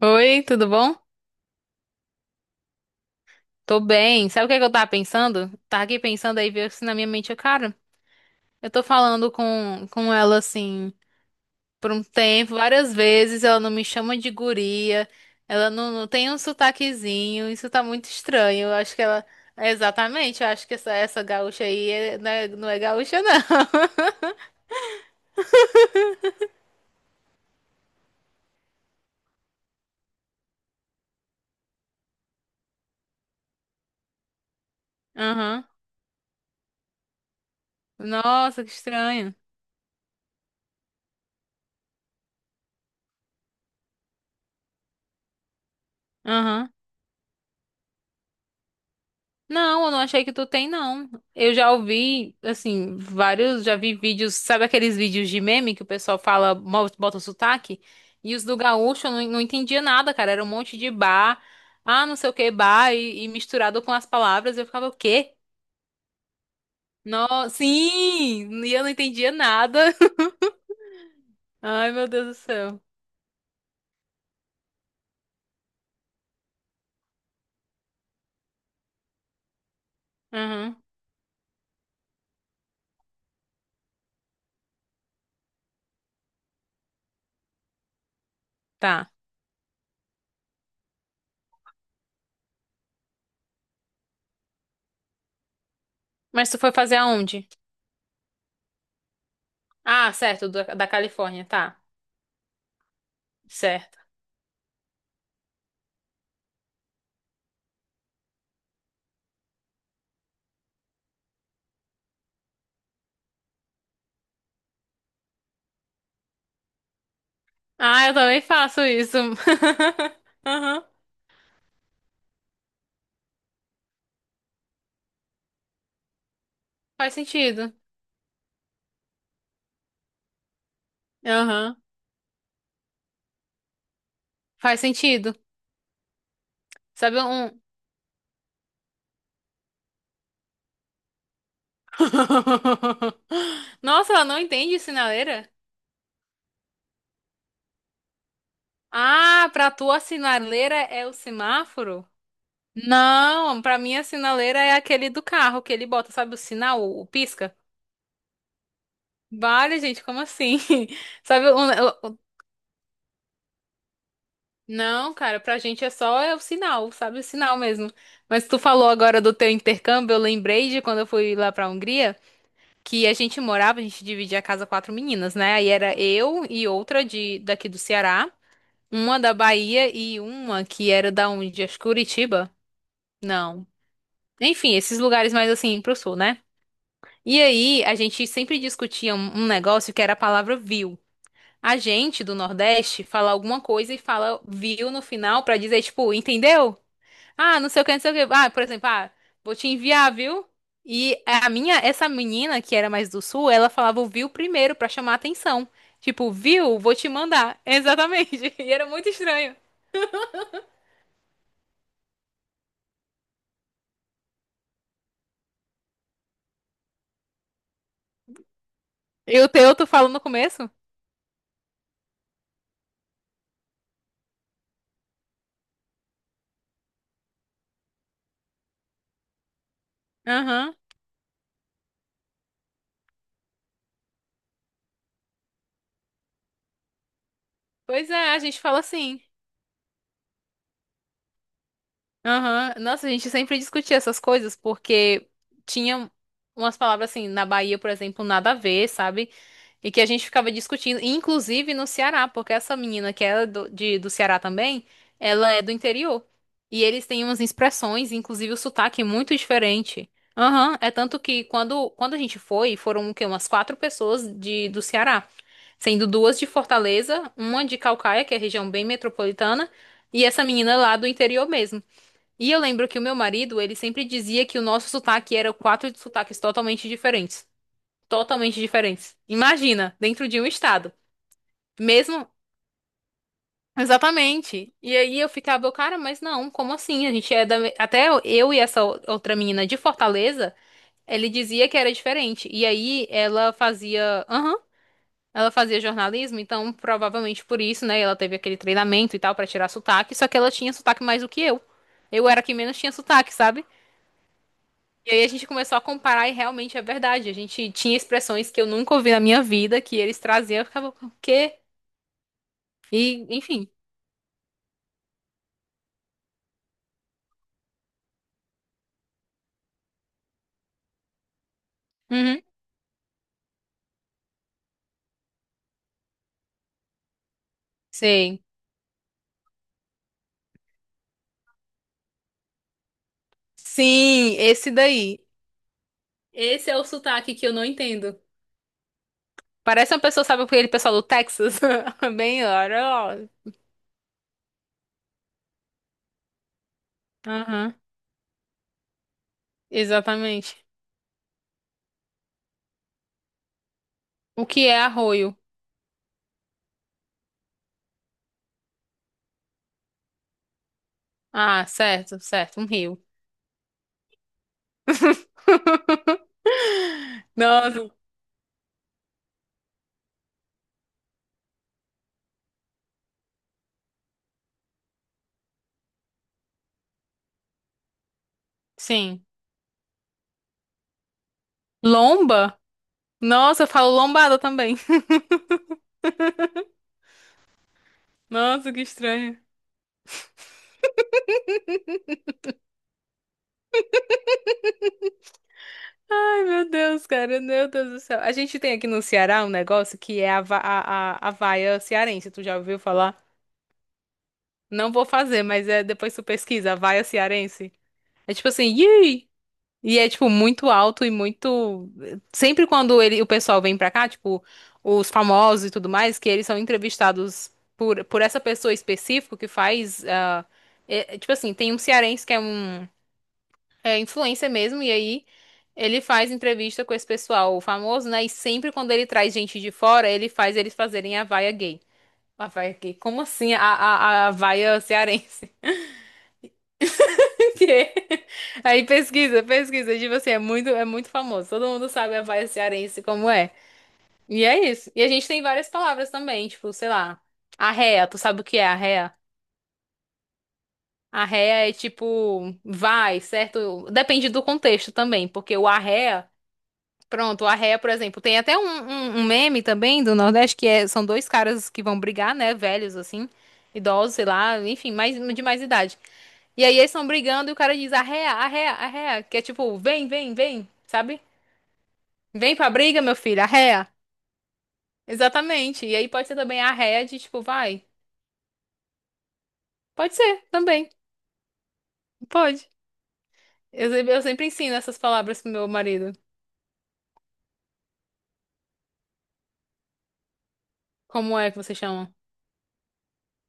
Oi, tudo bom? Tô bem. Sabe o que é que eu tava pensando? Tava aqui pensando aí, veio assim na minha mente, eu, cara, eu tô falando com ela assim por um tempo, várias vezes, ela não me chama de guria, ela não tem um sotaquezinho, isso tá muito estranho. Eu acho que ela. Exatamente, eu acho que essa gaúcha aí não é gaúcha, não. Aham. Nossa, que estranho. Aham. Não, eu não achei que tu tem, não. Eu já ouvi, assim, vários, já vi vídeos, sabe aqueles vídeos de meme que o pessoal fala, bota o sotaque? E os do gaúcho eu não entendia nada, cara. Era um monte de bar, não sei o que, bar, e misturado com as palavras, eu ficava, o quê? No, sim! E eu não entendia nada. Ai, meu Deus do céu. Uhum, tá. Mas tu foi fazer aonde? Ah, certo, da Califórnia, tá. Certo. Ah, eu também faço isso. Aham. Faz sentido. Aham. Faz sentido. Sabe um. Nossa, ela não entende sinaleira? Ah, pra tua sinaleira é o semáforo? Não, pra mim a sinaleira é aquele do carro que ele bota, sabe o sinal, o pisca? Vale, gente, como assim? Sabe um- o- o- Não, cara, pra gente é só é o sinal, sabe o sinal mesmo. Mas tu falou agora do teu intercâmbio, eu lembrei de quando eu fui lá pra Hungria, que a gente morava, a gente dividia a casa quatro meninas, né? Aí era eu e outra de daqui do Ceará, uma da Bahia e uma que era da onde? Acho que Curitiba? Não. Enfim, esses lugares mais assim pro sul, né? E aí a gente sempre discutia um negócio que era a palavra viu. A gente do Nordeste fala alguma coisa e fala viu no final pra dizer tipo, entendeu? Ah, não sei o que, não sei o que. Ah, por exemplo, ah, vou te enviar, viu? E essa menina que era mais do sul, ela falava o viu primeiro pra chamar atenção. Tipo, viu? Vou te mandar. Exatamente. E era muito estranho. E o teu, tu fala no começo? Aham. Pois é, a gente fala assim. Aham. Nossa, a gente sempre discutia essas coisas porque tinha umas palavras assim, na Bahia, por exemplo, nada a ver, sabe? E que a gente ficava discutindo, inclusive no Ceará, porque essa menina que é do Ceará também, ela é do interior. E eles têm umas expressões, inclusive o sotaque é muito diferente. Aham, é tanto que quando a gente foi, foram o quê? Umas quatro pessoas do Ceará, sendo duas de Fortaleza, uma de Calcaia, que é região bem metropolitana, e essa menina lá do interior mesmo. E eu lembro que o meu marido, ele sempre dizia que o nosso sotaque era quatro sotaques totalmente diferentes. Totalmente diferentes. Imagina, dentro de um estado. Mesmo. Exatamente. E aí eu ficava, cara, mas não, como assim? A gente é da. Me- Até eu e essa outra menina de Fortaleza, ele dizia que era diferente. E aí ela fazia. Aham. Ela fazia jornalismo, então provavelmente por isso, né? Ela teve aquele treinamento e tal pra tirar sotaque, só que ela tinha sotaque mais do que eu. Eu era a que menos tinha sotaque, sabe? E aí a gente começou a comparar e realmente é verdade. A gente tinha expressões que eu nunca ouvi na minha vida, que eles traziam, eu ficava, o quê? E, enfim. Uhum. Sim. Sim, esse daí. Esse é o sotaque que eu não entendo. Parece uma pessoa, sabe, aquele pessoal do Texas? Bem, olha. Ó. Aham, exatamente. O que é arroio? Ah, certo, certo, um rio. Nossa, sim. Lomba? Nossa, eu falo lombada também. Nossa, que estranho. Ai, meu Deus, cara, meu Deus do céu. A gente tem aqui no Ceará um negócio que é a, va- a vaia cearense. Tu já ouviu falar? Não vou fazer, mas é depois tu pesquisa, a vaia cearense. É tipo assim, "Yee!" E é tipo muito alto e muito. Sempre quando ele, o pessoal vem pra cá, tipo, os famosos e tudo mais, que eles são entrevistados por essa pessoa específica que faz. É tipo assim, tem um cearense que é um. É influência mesmo, e aí ele faz entrevista com esse pessoal famoso, né? E sempre quando ele traz gente de fora, ele faz eles fazerem a vaia gay. A vaia gay? Como assim a vaia cearense? Que- Aí pesquisa, pesquisa, tipo assim, é muito famoso. Todo mundo sabe a vaia cearense como é. E é isso. E a gente tem várias palavras também, tipo, sei lá, arréia, tu sabe o que é arréia? Arréia é tipo, vai, certo? Depende do contexto também, porque o arréia. Pronto, a ré, por exemplo, tem até um, um meme também do Nordeste que são dois caras que vão brigar, né? Velhos, assim, idosos, sei lá, enfim, de mais idade. E aí eles estão brigando e o cara diz arréa, arréa, arréa, que é tipo, vem, vem, vem, sabe? Vem pra briga, meu filho, arréa. Exatamente. E aí pode ser também arréa de tipo, vai. Pode ser, também, pode. Eu, se- eu sempre ensino essas palavras pro meu marido. Como é que você chama?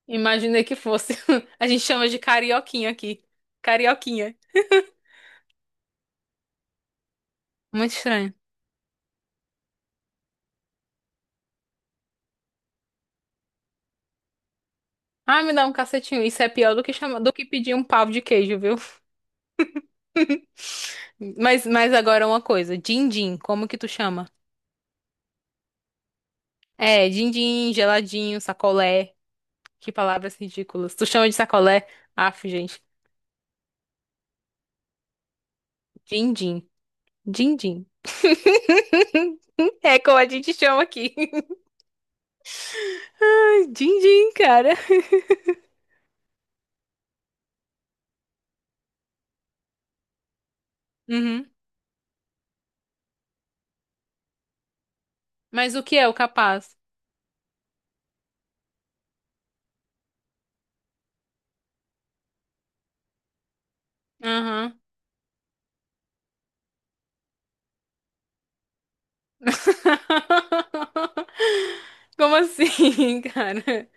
Imaginei que fosse. A gente chama de carioquinha aqui. Carioquinha. Muito estranho. Ai, me dá um cacetinho. Isso é pior do que pedir um pau de queijo, viu? Mas agora uma coisa. Din-din, como que tu chama? É, din-din, geladinho, sacolé. Que palavras ridículas. Tu chama de sacolé? Aff, gente. Din-din. Din-din. É como a gente chama aqui. Ai, din-din, cara. Uhum. Mas o que é o capaz? Aham. Como assim, cara?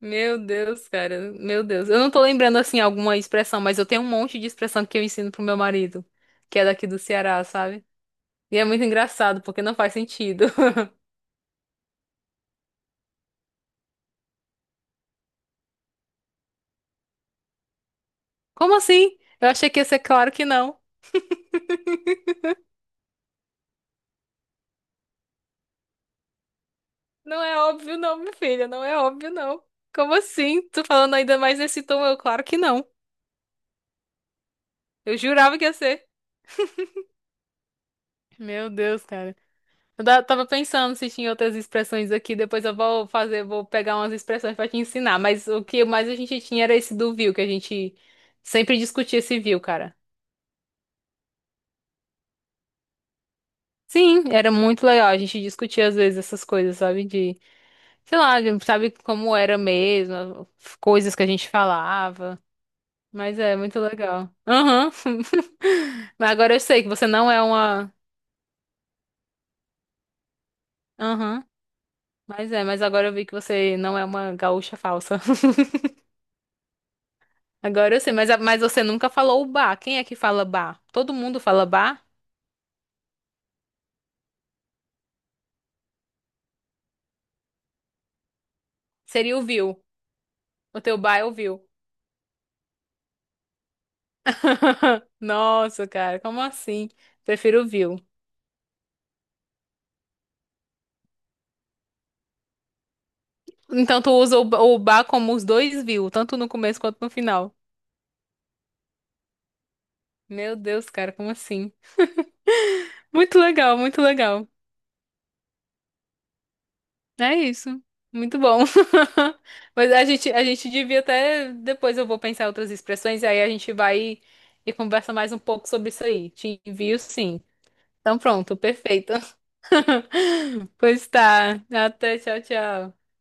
Meu Deus, cara. Meu Deus. Eu não tô lembrando assim alguma expressão, mas eu tenho um monte de expressão que eu ensino pro meu marido, que é daqui do Ceará, sabe? E é muito engraçado, porque não faz sentido. Como assim? Eu achei que ia ser claro que não. Não é óbvio, não, minha filha. Não é óbvio, não. Como assim? Tu falando ainda mais nesse tom? Eu, claro que não. Eu jurava que ia ser. Meu Deus, cara. Eu tava pensando se tinha outras expressões aqui, depois eu vou fazer, vou pegar umas expressões pra te ensinar, mas o que mais a gente tinha era esse do viu, que a gente sempre discutia esse viu, cara. Sim, era muito legal, a gente discutia às vezes essas coisas, sabe, sei lá, sabe como era mesmo, coisas que a gente falava, mas é muito legal. Aham. Mas agora eu sei que você não é uma, aham, mas é, mas agora eu vi que você não é uma gaúcha falsa. Agora eu sei, mas, mas você nunca falou o bar. Quem é que fala bar? Todo mundo fala bar? Seria o viu. O teu bar é o viu. Nossa, cara, como assim? Prefiro o viu. Então tu usa o bar como os dois viu, tanto no começo quanto no final. Meu Deus, cara, como assim? Muito legal, muito legal. É isso. Muito bom. Mas a gente devia até. Depois eu vou pensar em outras expressões, e aí a gente vai e conversa mais um pouco sobre isso aí. Te envio, sim. Então pronto, perfeito. Pois tá. Até, tchau, tchau.